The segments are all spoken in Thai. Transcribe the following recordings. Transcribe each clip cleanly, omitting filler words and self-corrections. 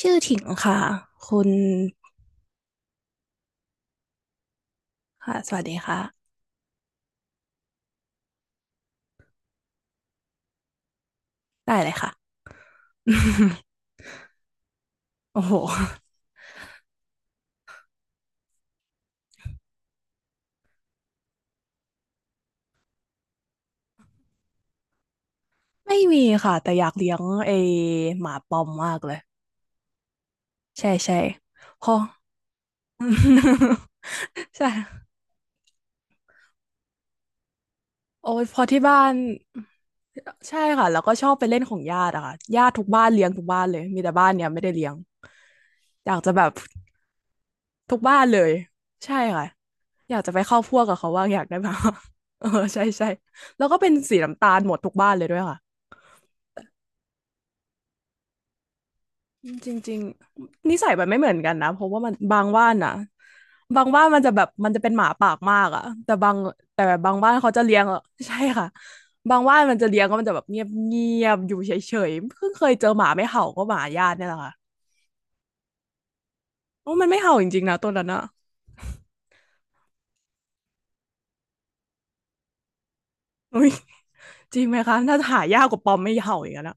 ชื่อถิ่งค่ะคุณค่ะสวัสดีค่ะได้เลยค่ะ โอ้โหไม่มีค่ะแต่อยากเลี้ยงไอหมาปอมมากเลยใช่ใช่พอ ใช่โอ้ยพอที่บ้านใช่ค่ะแล้วก็ชอบไปเล่นของญาติอะค่ะญาติทุกบ้านเลี้ยงทุกบ้านเลยมีแต่บ้านเนี้ยไม่ได้เลี้ยงอยากจะแบบทุกบ้านเลยใช่ค่ะอยากจะไปเข้าพวกกับเขาว่างอยากได้บ้าง เออใช่ใช่แล้วก็เป็นสีน้ำตาลหมดทุกบ้านเลยด้วยค่ะ จริงๆนิสัยมันไม่เหมือนกันนะเพราะว่ามันบางบ้านนะบางบ้านมันจะแบบมันจะเป็นหมาปากมากอะแต่บางบ้านเขาจะเลี้ยงอะใช่ค่ะบางบ้านมันจะเลี้ยงก็มันจะแบบเงียบเงียบอยู่เฉยๆเพิ่งเคยเจอหมาไม่เห่าก็หมาญาติเนี่ยแหละค่ะโอ้มันไม่เห่าจริงๆนะตัวนั้นอะอุ้ยจริงไหมคะถ่าหายากกว่าปอมไม่เห่าอีกแล้วนะ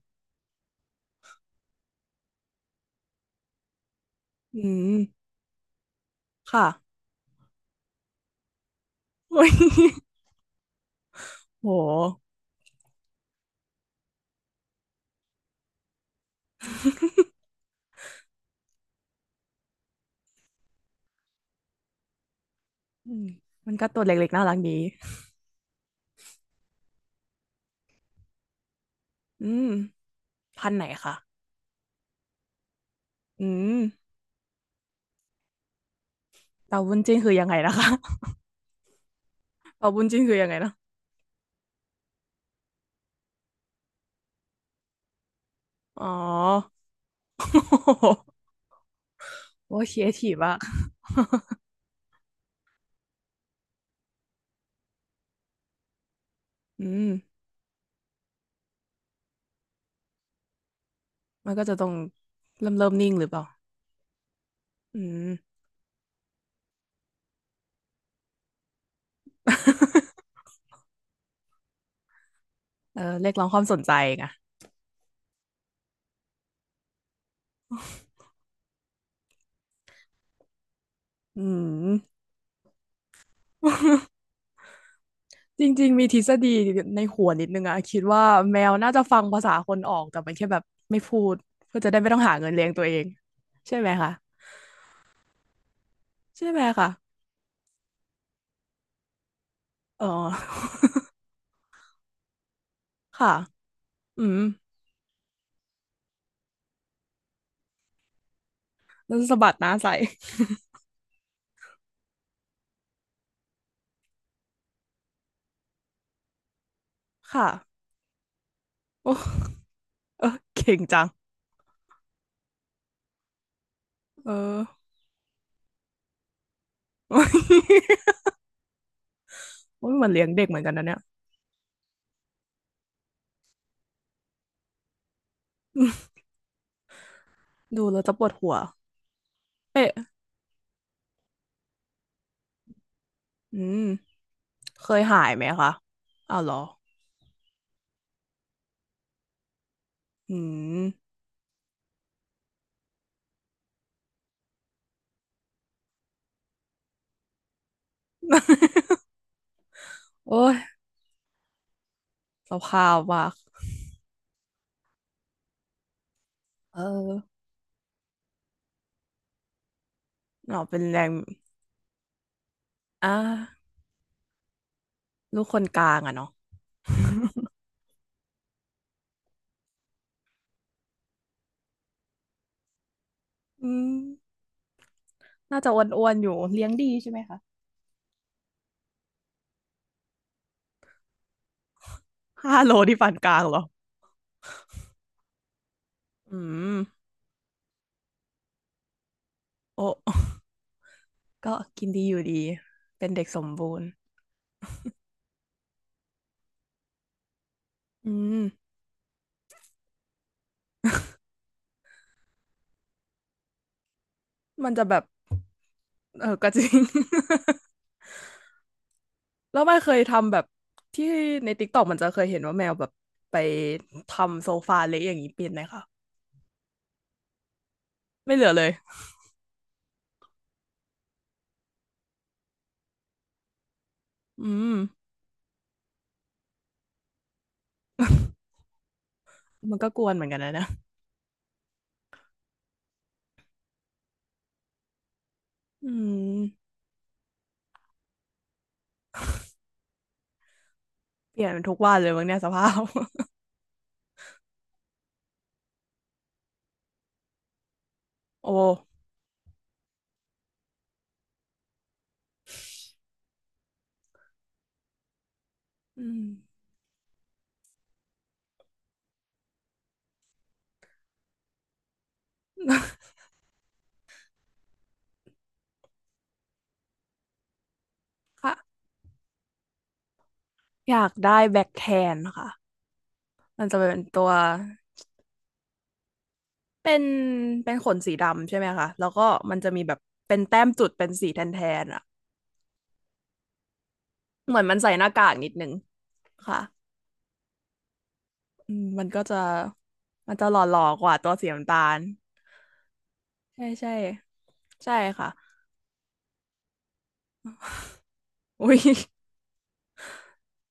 อืมค่ะอุ้ยโหอืมมันก็ตัวเล็กๆน่ารักดีอืมพันธุ์ไหนคะอืม เต่าบุญจิ้นคือยังไงนะคะ เต่าบุญจิ้นคือยังไงนะอ๋อ โอ้ครีเอทีฟมะ อืมมันก็จะต้องเริ่มนิ่งหรือเปล่าอืม เออเรียกร้องความสนใจไงอืมจริงๆมีทฤษฎีในหัวนิดนึงอะคิดว่าแมวน่าจะฟังภาษาคนออกแต่มันแค่แบบไม่พูดเพื่อจะได้ไม่ต้องหาเงินเลี้ยงตัวเองใช่ไหมคะใช่ไหมคะเออ ค่ะอืมแล้วสะบัดหน้าใส่ ค่ะโอ้เออเก่งจัง เออ โอ้ยเหมือนเลี้ยงเด็กเหมือนกันนะเนี่ยดูแล้วจะปวดหัวเอ๊ะอืมเคยหายไหมคะอ้าวเหรออืม โอ้ยสภาพว่ะเออเราเป็นแรงอ่าลูกคนกลางอะเนาะอืมน่าจะอ้วนๆอยู่ เลี้ยงดีใช่ไหมคะห้าโลที่ปานกลางเหรออืมโอ้ ก็กินดีอยู่ดี เป็นเด็กสมบูรณ์อืมมันจะแบบ เออก็จริง แล้วมันเคยทำแบบที่ในติกต็กมันจะเคยเห็นว่าแมวแบบไปทำโซฟาเละอย่างนี้เป็นไหมคะไม่เหลือเลยอืมมันก็กวนเหมือนกันนะเนี่ยอืมเปลี่ยนทุกวันเลยมั้งเนี่ยสภาพ โอ้อืม ค่ะอยากได้แบ็คแทนค่ะมันจะเป็นตัวเป็นเป็นขนสีดำใช่ไหมคะแล้วก็มันจะมีแบบเป็นแต้มจุดเป็นสีแทนแทนอะเหมือนมันใส่หน้ากากนิดนึงค่ะอืมมันก็จะมันจะหล่อๆกว่าตัวสีน้ำตาล ใช่ใช่ใช่ค่ะอุ้ย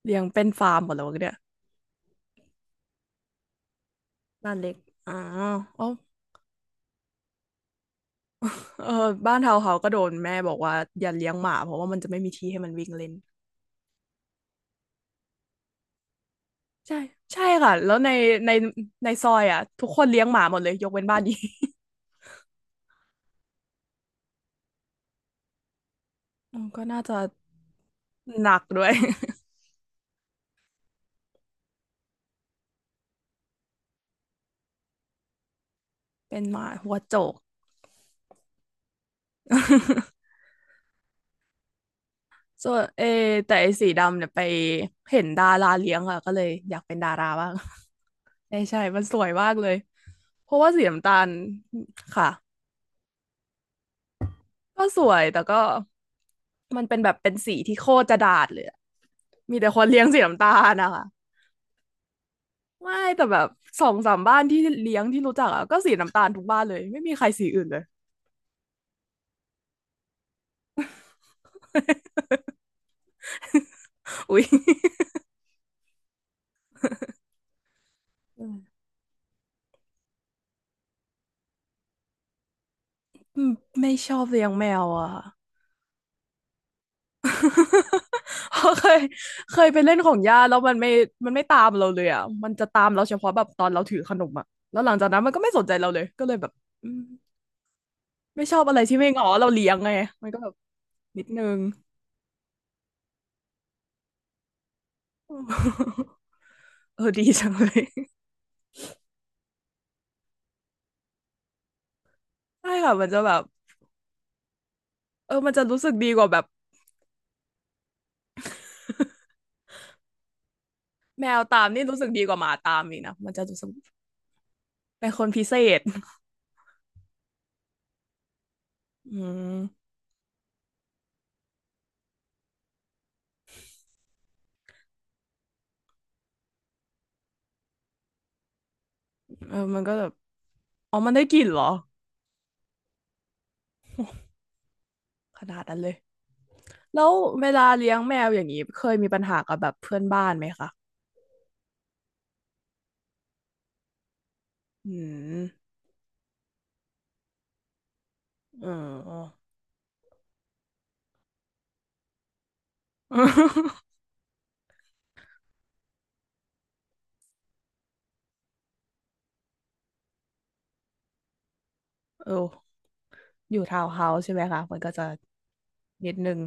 เลี้ยงเป็นฟาร์มหมดแล้วเนี่ยบ้านเล็กอ๋ออ๋อ เออบ้านเทาวน์เฮาส์ก็โดนแม่บอกว่าอย่าเลี้ยงหมาเพราะว่ามันจะไม่มีที่ให้มันวิ่งเล่นใช่ใช่ค่ะแล้วในในในซอยอ่ะทุกคนเลี้ยงหมาหมดเลยยกเว้นบ้านนี้ อืมก็น่าจะหนักด้วย เป็นหมาหัวโจก ส่วนเอแต่ไอ้สีดำเนี่ยไปเห็นดาราเลี้ยงค่ะก็เลยอยากเป็นดาราบ้าง ใช่ใช่มันสวยมากเลย เพราะว่าสีน้ำตาลค่ะ ก็สวยแต่ก็มันเป็นแบบเป็นสีที่โคตรจะด่าดเลยอะมีแต่คนเลี้ยงสีน้ำตาลนะคะไม่แต่แบบสองสามบ้านที่เลี้ยงที่รู้จักอะก็สีน้ำตาลทุกบ้านเลย ไม่มีใครสีอื่นเลย อุ๊ยอืมไม่ชอบเลี้ยงแมวอะค่ะ เพราะเคยไปเล่นของย่าแล้วมันไม่ตามเราเลยอ่ะมันจะตามเราเฉพาะแบบตอนเราถือขนมอ่ะแล้วหลังจากนั้นมันก็ไม่สนใจเราเลยก็เลยแบบอืมไม่ชอบอะไรที่ไม่งอเราเลี้ยงไงมันก็แบบนิดนึง เออดีจังเลย ใช่ค่ะมันจะแบบเออมันจะรู้สึกดีกว่าแบบแมวตามนี่รู้สึกดีกว่าหมาตามอีกนะมันจะรู้สึกเป็นคนพิเศษ อืมเออมันก็แบบอ๋อมันได้กลิ่นเหรอขนาดนั้นเลย แล้วเวลาเลี้ยงแมวอย่างนี้เคยมีปัญหากับแบบเพื่อนบ้านไหมคะอืมเออเออเอออยู่ทาวน์เฮาส์ใช่ไหมคะมันก็จะนิดนึง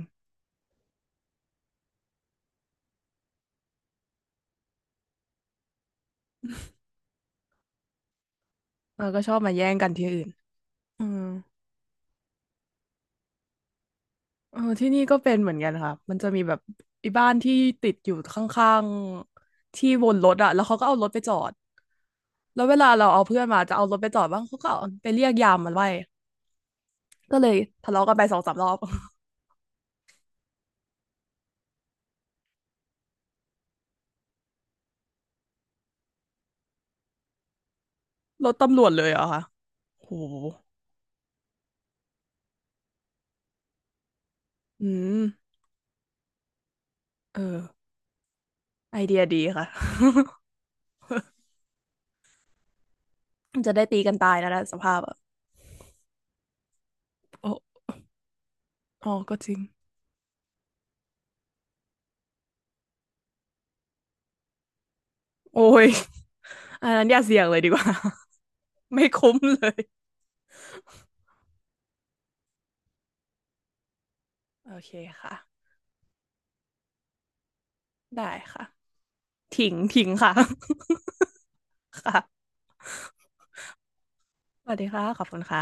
เออก็ชอบมาแย่งกันที่อื่นอืมเออที่นี่ก็เป็นเหมือนกันค่ะ มันจะมีแบบไอ้บ้านที่ติดอยู่ข้างๆที่วนรถอะแล้วเขาก็เอารถไปจอด แล้วเวลาเราเอาเพื่อนมาจะเอารถไปจอดบ้างเขาก็เอาไปเรียกยามมันไว้ก็เลยทะเลาะกันไปสองสามรอบ รถตำรวจเลยเหรอคะโหอืม เออไอเดียดีค่ะ มันจะได้ตีกันตายนะนะสภาพอะโอ้อ๋อก็จริงโอ้ย อันนั้นอย่าเสี่ยงเลยดีกว่า ไม่คุ้มเลยโอเคค่ะได้ค่ะทิ้งทิ้งค่ะ ค่ะสวัสดีค่ะขอบคุณค่ะ